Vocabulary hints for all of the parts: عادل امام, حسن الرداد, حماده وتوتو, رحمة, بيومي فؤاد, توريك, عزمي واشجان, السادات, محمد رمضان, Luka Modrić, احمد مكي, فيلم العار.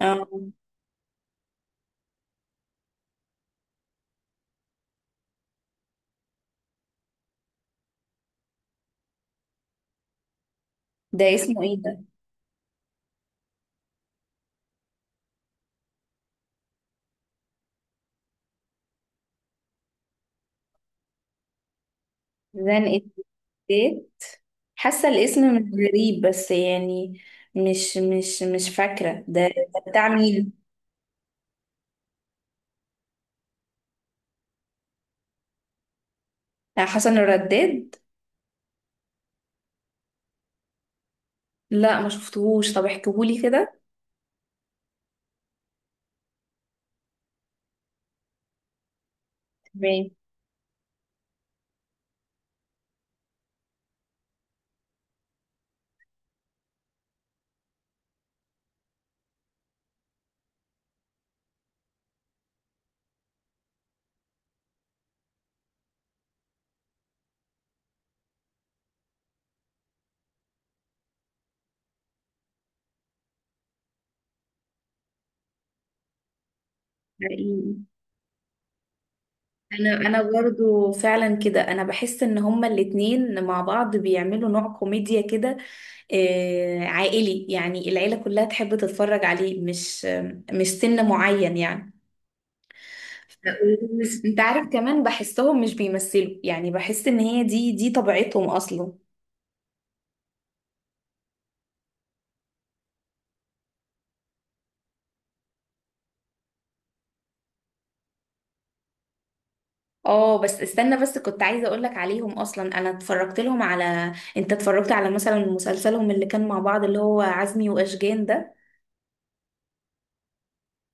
اه، ده اسمه ايه ده؟ زنقة الزيت. حاسة الاسم مش غريب بس يعني مش فاكرة ده بتاع مين. بتاع حسن الرداد. لا ما شفتهوش، طب احكيهولي كده. تمام. حقيقي. انا برضو فعلا كده، انا بحس ان هما الاتنين مع بعض بيعملوا نوع كوميديا كده، عائلي، يعني العيلة كلها تحب تتفرج عليه، مش سن معين يعني. انت عارف، كمان بحسهم مش بيمثلوا، يعني بحس ان هي دي طبيعتهم اصلا. اه بس استنى، بس كنت عايزه اقول لك عليهم. اصلا انا اتفرجت لهم على، انت اتفرجت على مثلا مسلسلهم اللي كان مع بعض اللي هو عزمي واشجان ده؟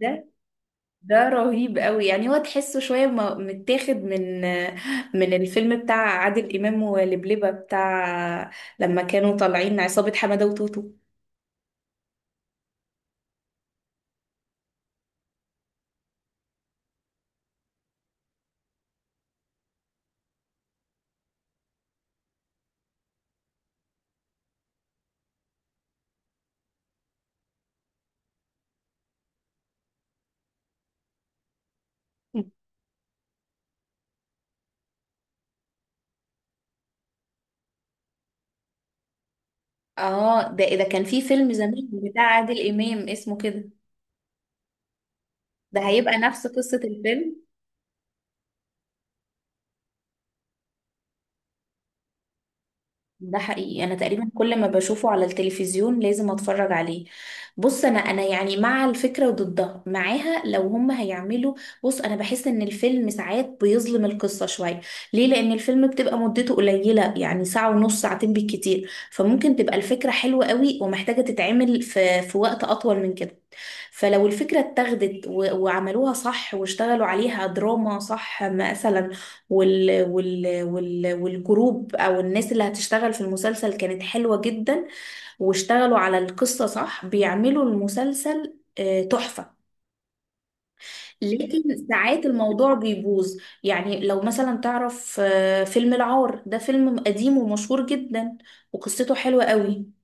ده ده رهيب قوي. يعني هو تحسه شويه متاخد من من الفيلم بتاع عادل امام ولبلبه، بتاع لما كانوا طالعين عصابه حماده وتوتو. اه ده كان في فيلم زمان بتاع عادل امام اسمه كده. ده هيبقى نفس قصة الفيلم. ده حقيقي، انا تقريبا كل ما بشوفه على التلفزيون لازم اتفرج عليه. بص انا يعني مع الفكرة وضدها معاها لو هم هيعملوا. بص انا بحس ان الفيلم ساعات بيظلم القصة شوية. ليه؟ لان الفيلم بتبقى مدته قليلة، يعني ساعة ونص، ساعتين بالكتير، فممكن تبقى الفكرة حلوة قوي ومحتاجة تتعمل في وقت اطول من كده. فلو الفكرة اتاخدت وعملوها صح واشتغلوا عليها دراما صح مثلا، وال والجروب او الناس اللي هتشتغل في المسلسل كانت حلوة جدا، واشتغلوا على القصة صح، بيعملوا المسلسل تحفة. لكن ساعات الموضوع بيبوظ. يعني لو مثلا تعرف فيلم العار، ده فيلم قديم ومشهور جدا وقصته حلوة قوي.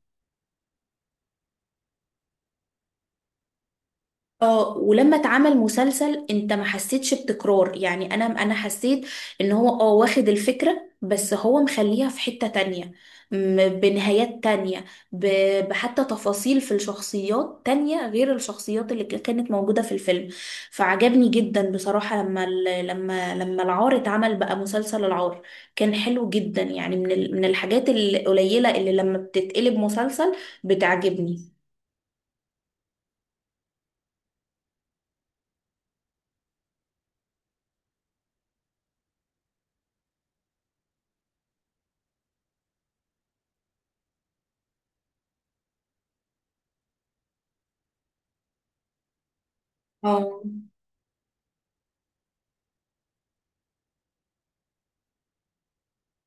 اه ولما اتعمل مسلسل، انت ما حسيتش بتكرار؟ يعني انا حسيت ان هو اه واخد الفكرة، بس هو مخليها في حتة تانية، بنهايات تانية، بحتى تفاصيل في الشخصيات تانية غير الشخصيات اللي كانت موجودة في الفيلم. فعجبني جدا بصراحة لما لما العار اتعمل بقى مسلسل العار، كان حلو جدا، يعني من من الحاجات القليلة اللي لما بتتقلب مسلسل بتعجبني. اه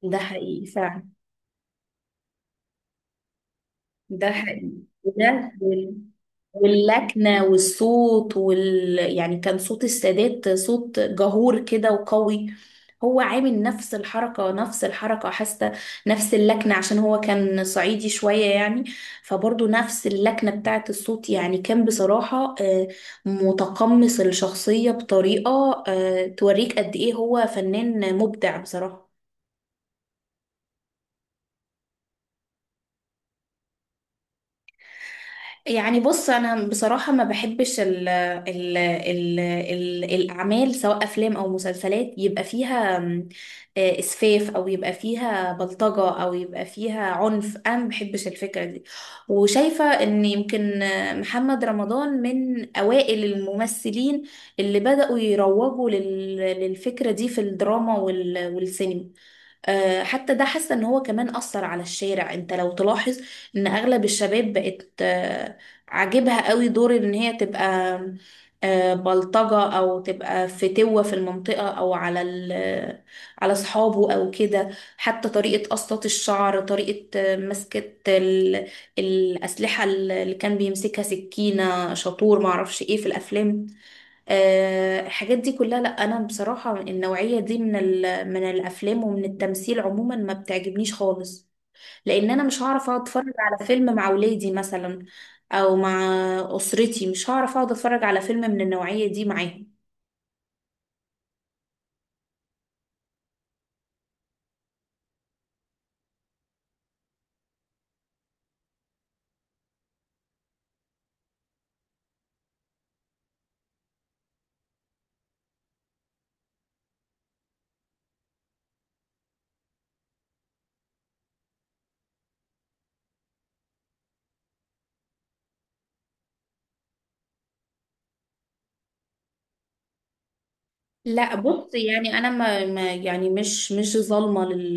ده حقيقي فعلا. ده حقيقي. وده واللكنة والصوت يعني كان صوت السادات صوت جهور كده وقوي. هو عامل نفس الحركة نفس الحركة، حاسة نفس اللكنة عشان هو كان صعيدي شوية يعني. فبرضه نفس اللكنة بتاعت الصوت، يعني كان بصراحة متقمص الشخصية بطريقة توريك قد إيه هو فنان مبدع بصراحة. يعني بص انا بصراحه ما بحبش ال الاعمال، سواء افلام او مسلسلات، يبقى فيها م، آه، اسفاف، او يبقى فيها بلطجه، او يبقى فيها عنف. انا ما بحبش الفكره دي. وشايفه ان يمكن محمد رمضان من اوائل الممثلين اللي بداوا يروجوا للفكره دي في الدراما والسينما. حتى ده، حاسه ان هو كمان اثر على الشارع. انت لو تلاحظ ان اغلب الشباب بقت عاجبها قوي دور ان هي تبقى بلطجه او تبقى فتوه في المنطقه او على على اصحابه او كده. حتى طريقه قصات الشعر، طريقه مسكه الاسلحه اللي كان بيمسكها، سكينه، شاطور، معرفش ايه في الافلام. الحاجات دي كلها لا، انا بصراحة النوعية دي من من الافلام ومن التمثيل عموما ما بتعجبنيش خالص. لان انا مش هعرف اقعد اتفرج على فيلم مع ولادي مثلا، او مع اسرتي، مش هعرف اقعد اتفرج على فيلم من النوعية دي معاهم. لا بص، يعني انا يعني مش ظالمه لل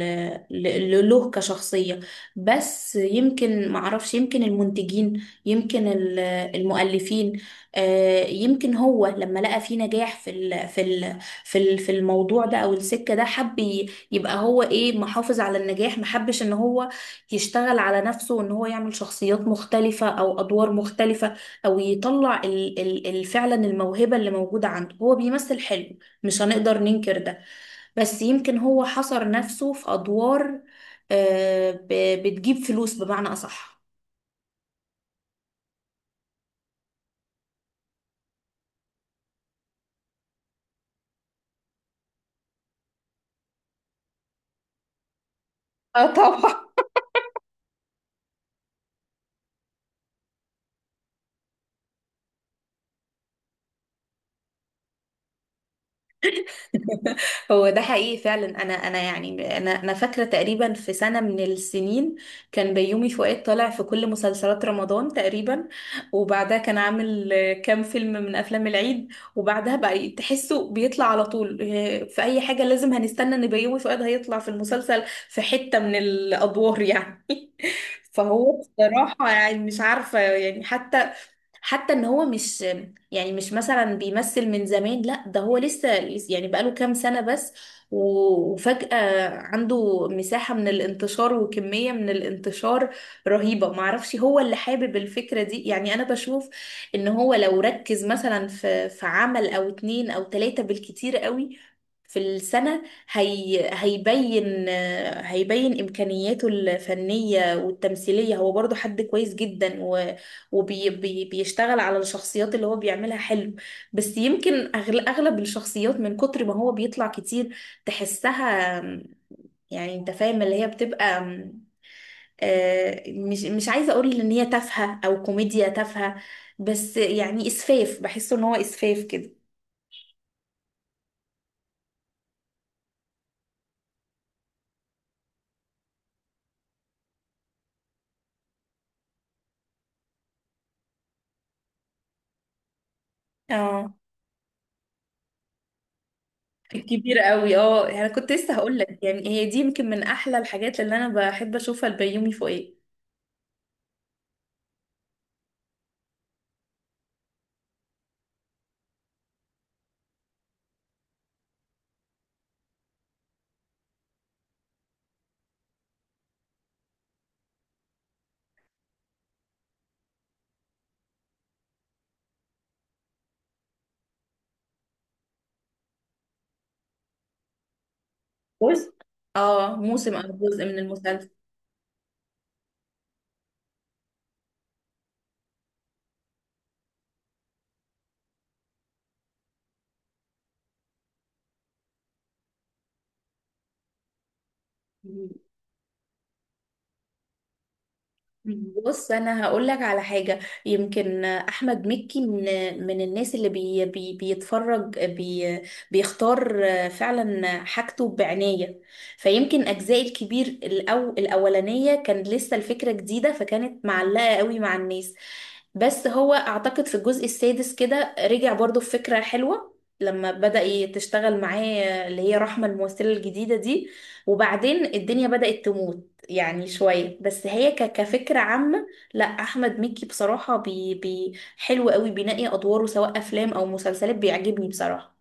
ل- ل- له كشخصيه، بس يمكن ما اعرفش، يمكن المنتجين، يمكن المؤلفين. يمكن هو لما لقى فيه نجاح في في الموضوع ده او السكه ده، حب يبقى هو ايه، محافظ على النجاح. ما حبش ان هو يشتغل على نفسه وان هو يعمل شخصيات مختلفه او ادوار مختلفه، او يطلع فعلا الموهبه اللي موجوده عنده. هو بيمثل حلو، مش هنقدر ننكر ده، بس يمكن هو حصر نفسه في أدوار بتجيب فلوس بمعنى أصح. اه طبعا. هو ده حقيقي فعلا. انا يعني انا فاكره تقريبا في سنه من السنين كان بيومي فؤاد طالع في كل مسلسلات رمضان تقريبا. وبعدها كان عامل كام فيلم من افلام العيد. وبعدها بقى تحسه بيطلع على طول، في اي حاجه لازم هنستنى ان بيومي فؤاد هيطلع في المسلسل في حته من الادوار يعني. فهو بصراحه يعني مش عارفه، يعني حتى ان هو مش، يعني مش مثلا بيمثل من زمان، لا ده هو يعني بقاله كام سنة بس، وفجأة عنده مساحة من الانتشار وكمية من الانتشار رهيبة. معرفش هو اللي حابب الفكرة دي، يعني انا بشوف ان هو لو ركز مثلا في عمل او اتنين او تلاتة بالكتير قوي في السنة، هي هيبين هيبين إمكانياته الفنية والتمثيلية. هو برضو حد كويس جدا وبيشتغل على الشخصيات اللي هو بيعملها حلو، بس يمكن أغلب الشخصيات من كتر ما هو بيطلع كتير تحسها، يعني أنت فاهم، اللي هي بتبقى مش عايزة أقول إن هي تافهة أو كوميديا تافهة، بس يعني إسفاف، بحسه إن هو إسفاف كده. اه كبير قوي. اه انا كنت لسه هقول لك، يعني هي دي يمكن من احلى الحاجات اللي انا بحب اشوفها البيومي فوقيه. بص اه، موسم او جزء من المسلسل. بص انا هقول لك على حاجه، يمكن احمد مكي من الناس اللي بي بي بيتفرج بي بيختار فعلا حاجته بعنايه. فيمكن اجزاء الكبير الاولانيه كان لسه الفكره جديده، فكانت معلقه قوي مع الناس. بس هو اعتقد في الجزء السادس كده رجع برضو بفكره حلوه لما بدأ تشتغل معاه اللي هي رحمة، الممثلة الجديدة دي. وبعدين الدنيا بدأت تموت يعني شوية، بس هي كفكرة عامة لا، أحمد مكي بصراحة حلو قوي، بينقي أدواره سواء أفلام أو مسلسلات، بيعجبني بصراحة.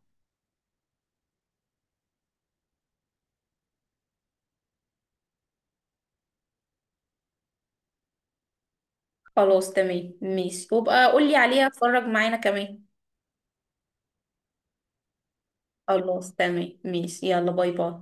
خلاص تمام، ماشي، وابقى قولي عليها اتفرج معانا كمان. خلاص تمام ماشي، يلا باي باي.